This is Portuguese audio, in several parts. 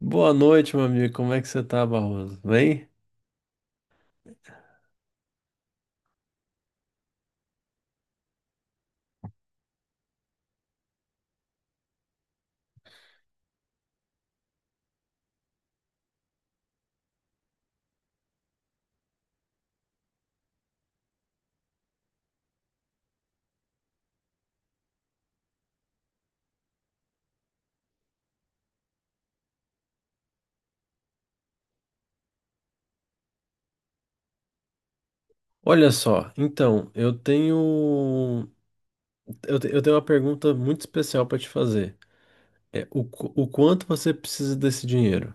Boa noite, meu amigo. Como é que você tá, Barroso? Bem? Olha só, então, eu tenho uma pergunta muito especial para te fazer. O quanto você precisa desse dinheiro?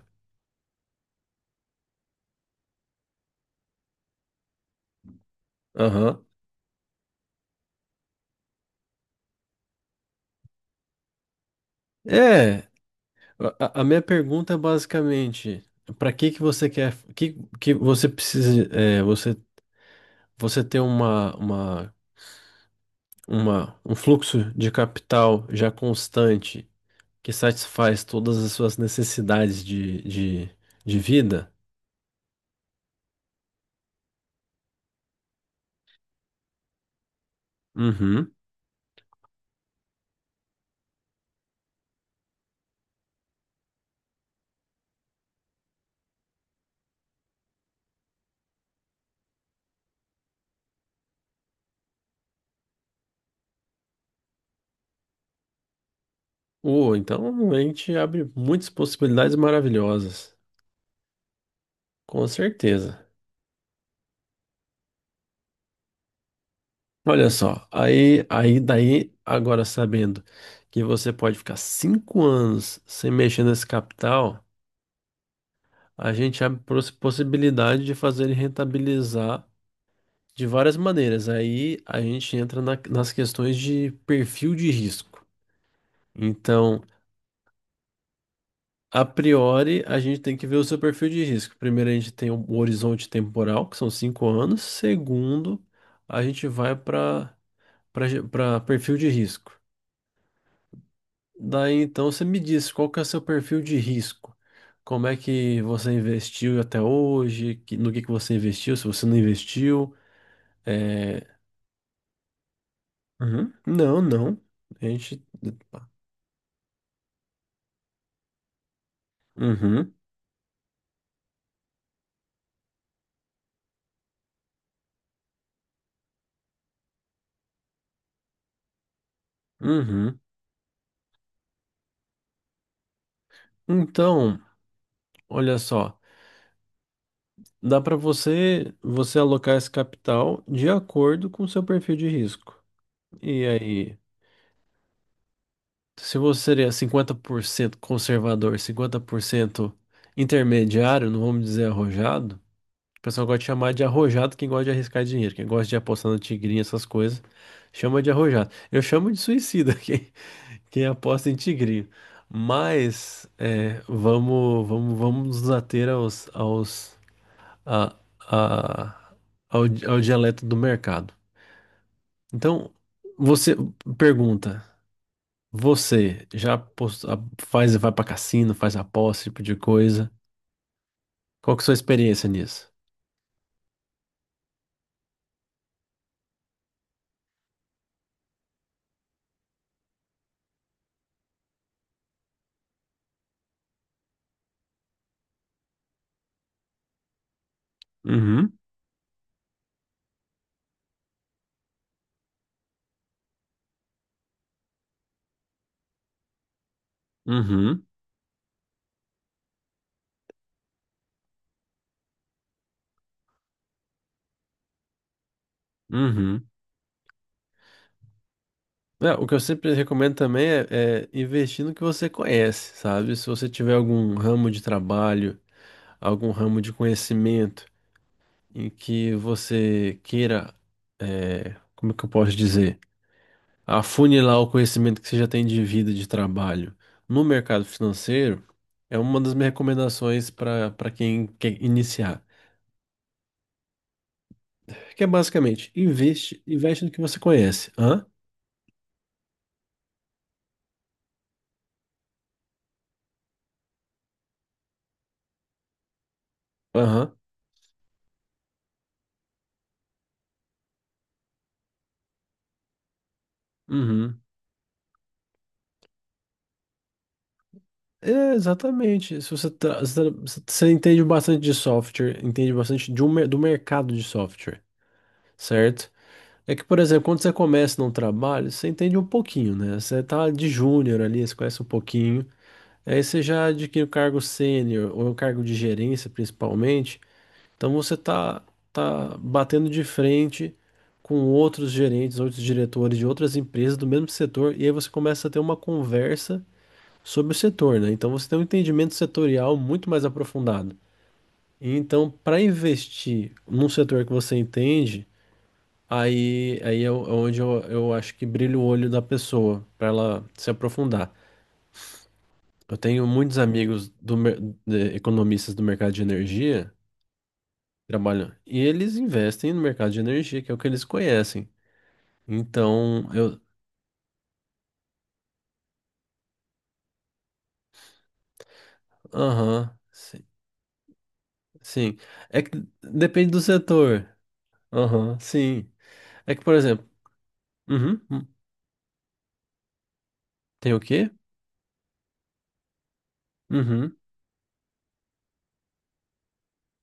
Aham. É, a minha pergunta é basicamente, para que que você quer que você precisa você ter uma um fluxo de capital já constante que satisfaz todas as suas necessidades de vida. Uhum. Oh, então a gente abre muitas possibilidades maravilhosas, com certeza. Olha só, aí, aí daí, agora sabendo que você pode ficar 5 anos sem mexer nesse capital, a gente abre possibilidade de fazer ele rentabilizar de várias maneiras. Aí a gente entra nas questões de perfil de risco. Então, a priori, a gente tem que ver o seu perfil de risco. Primeiro, a gente tem o horizonte temporal, que são 5 anos. Segundo, a gente vai para perfil de risco. Daí, então, você me diz qual que é o seu perfil de risco. Como é que você investiu até hoje? No que você investiu? Se você não investiu, é... Uhum. Não, não. A gente. Uhum, uhum. Então, olha só. Dá para você alocar esse capital de acordo com o seu perfil de risco. E aí, se você seria 50% conservador, 50% intermediário, não vamos dizer arrojado, o pessoal gosta de chamar de arrojado quem gosta de arriscar dinheiro, quem gosta de apostar na tigrinha, essas coisas, chama de arrojado. Eu chamo de suicida quem aposta em tigrinho. Mas vamos nos ater aos, aos a, a, ao, ao dialeto do mercado. Então, você pergunta, você já faz, vai para cassino, faz aposta, esse tipo de coisa. Qual que é a sua experiência nisso? Uhum, uhum, uhum. O que eu sempre recomendo também é investir no que você conhece, sabe? Se você tiver algum ramo de trabalho, algum ramo de conhecimento, em que você queira, como é que eu posso dizer, afunilar o conhecimento que você já tem de vida, e de trabalho no mercado financeiro, é uma das minhas recomendações para quem quer iniciar. Que é basicamente, investe, investe no que você conhece. Hã? Aham. Uhum. Exatamente. Se você entende bastante de software, entende bastante de do mercado de software, certo? É que, por exemplo, quando você começa num trabalho, você entende um pouquinho, né? Você tá de júnior ali, você conhece um pouquinho. Aí você já adquire o cargo sênior ou o cargo de gerência, principalmente. Então você tá batendo de frente com outros gerentes, outros diretores de outras empresas do mesmo setor, e aí você começa a ter uma conversa sobre o setor, né? Então você tem um entendimento setorial muito mais aprofundado. E então, para investir num setor que você entende, é onde eu acho que brilha o olho da pessoa, para ela se aprofundar. Eu tenho muitos amigos economistas do mercado de energia que trabalham, e eles investem no mercado de energia, que é o que eles conhecem. Então, eu. Aham, sim, sim. É que depende do setor. Aham, sim. É que, por exemplo, uhum, tem o quê? Uhum,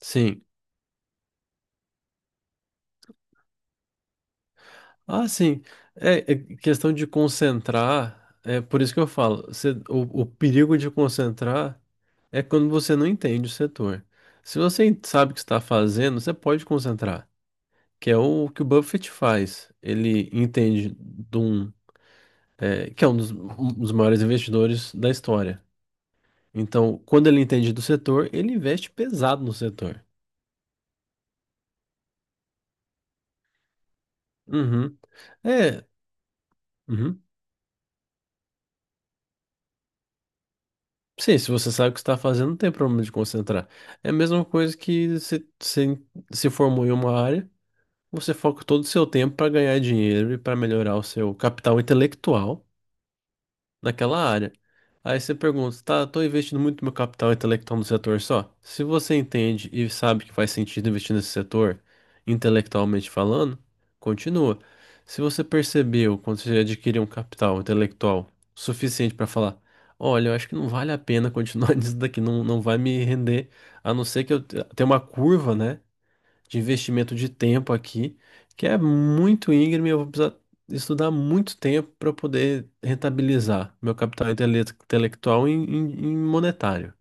sim. Ah, sim. É questão de concentrar. É por isso que eu falo. O perigo de concentrar é quando você não entende o setor. Se você sabe o que está fazendo, você pode concentrar, que é o que o Buffett faz. Ele entende de que é um dos maiores investidores da história. Então, quando ele entende do setor, ele investe pesado no setor. Uhum. É. Uhum. Sim, se você sabe o que está fazendo, não tem problema de concentrar. É a mesma coisa que se formou em uma área, você foca todo o seu tempo para ganhar dinheiro e para melhorar o seu capital intelectual naquela área. Aí você pergunta, tá, eu tô investindo muito meu capital intelectual no setor só? Se você entende e sabe que faz sentido investir nesse setor, intelectualmente falando, continua. Se você percebeu, quando você adquiriu um capital intelectual suficiente para falar, olha, eu acho que não vale a pena continuar nisso daqui, não, não vai me render, a não ser que eu tenha uma curva, né? De investimento de tempo aqui, que é muito íngreme, eu vou precisar estudar muito tempo para poder rentabilizar meu capital intelectual em, em monetário.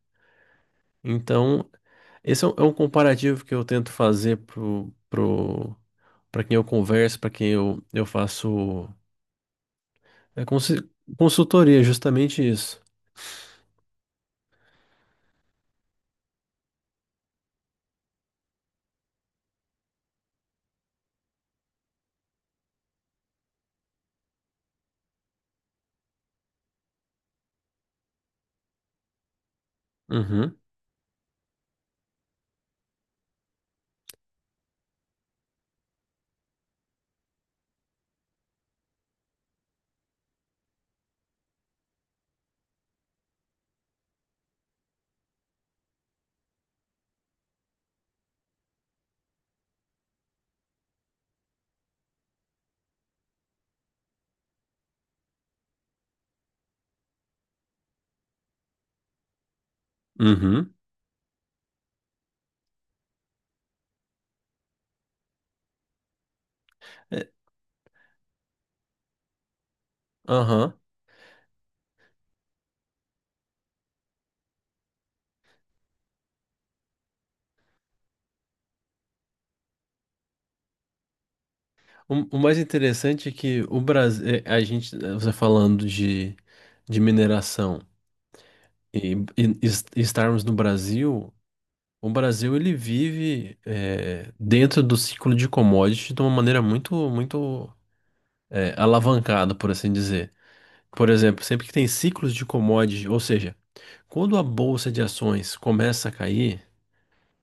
Então, esse é um comparativo que eu tento fazer para quem eu converso, para quem eu faço é, consi- consultoria, justamente isso. Uhum, uhum. É, aham. O mais interessante é que o Brasil, a gente, você falando de mineração, E, e- e estarmos no Brasil, o Brasil ele vive dentro do ciclo de commodity de uma maneira muito, muito alavancada, por assim dizer. Por exemplo, sempre que tem ciclos de commodity, ou seja, quando a bolsa de ações começa a cair,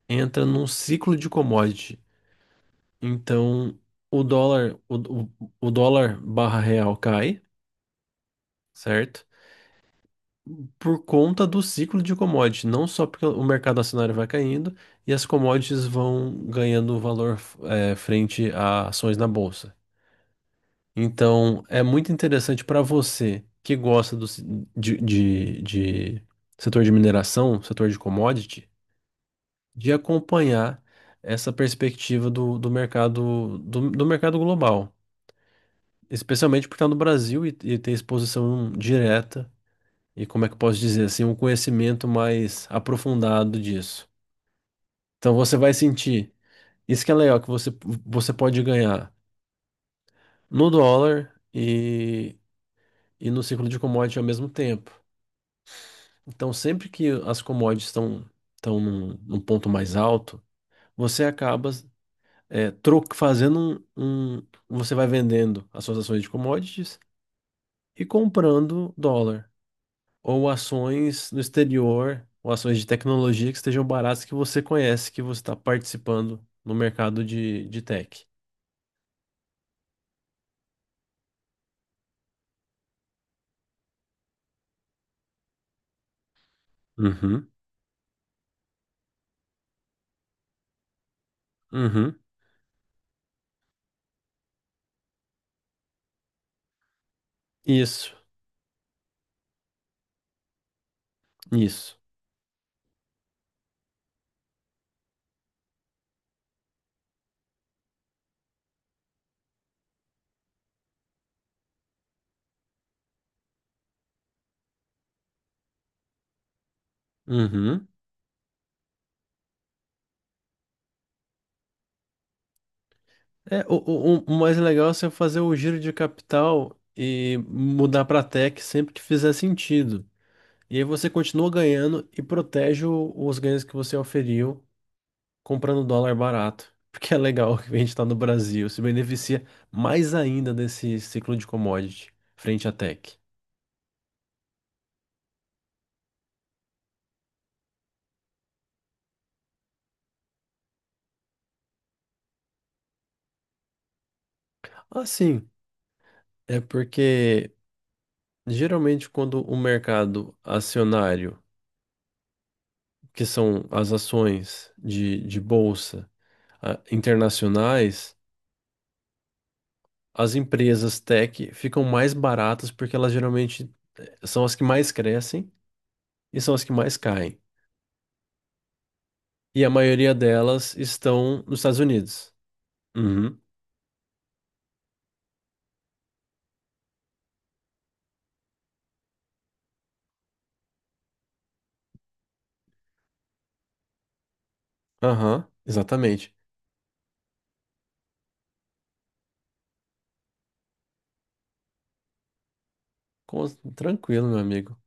entra num ciclo de commodity. Então, o dólar, o, o, o dólar barra real cai, certo? Por conta do ciclo de commodity, não só porque o mercado acionário vai caindo e as commodities vão ganhando valor frente a ações na bolsa. Então, é muito interessante para você que gosta do, ci- de setor de mineração, setor de commodity, de acompanhar essa perspectiva do mercado global, especialmente por estar no Brasil e ter exposição direta e como é que eu posso dizer assim, um conhecimento mais aprofundado disso. Então você vai sentir, isso que é legal, que você pode ganhar no dólar e no ciclo de commodity ao mesmo tempo. Então sempre que as commodities estão num ponto mais alto, você acaba você vai vendendo as suas ações de commodities e comprando dólar. Ou ações no exterior, ou ações de tecnologia que estejam baratas que você conhece, que você está participando no mercado de tech. Uhum, uhum. Isso, isso. Uhum. O mais legal é você fazer o giro de capital e mudar para tech sempre que fizer sentido. E aí você continua ganhando e protege os ganhos que você oferiu comprando dólar barato, porque é legal que a gente está no Brasil, se beneficia mais ainda desse ciclo de commodity frente à tech. Assim, é porque geralmente quando o mercado acionário, que são as ações de bolsa internacionais, as empresas tech ficam mais baratas porque elas geralmente são as que mais crescem e são as que mais caem. E a maioria delas estão nos Estados Unidos. Uhum. Aham, exatamente. Com- Tranquilo, meu amigo.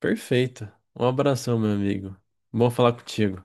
Perfeito. Um abração, meu amigo. Bom falar contigo.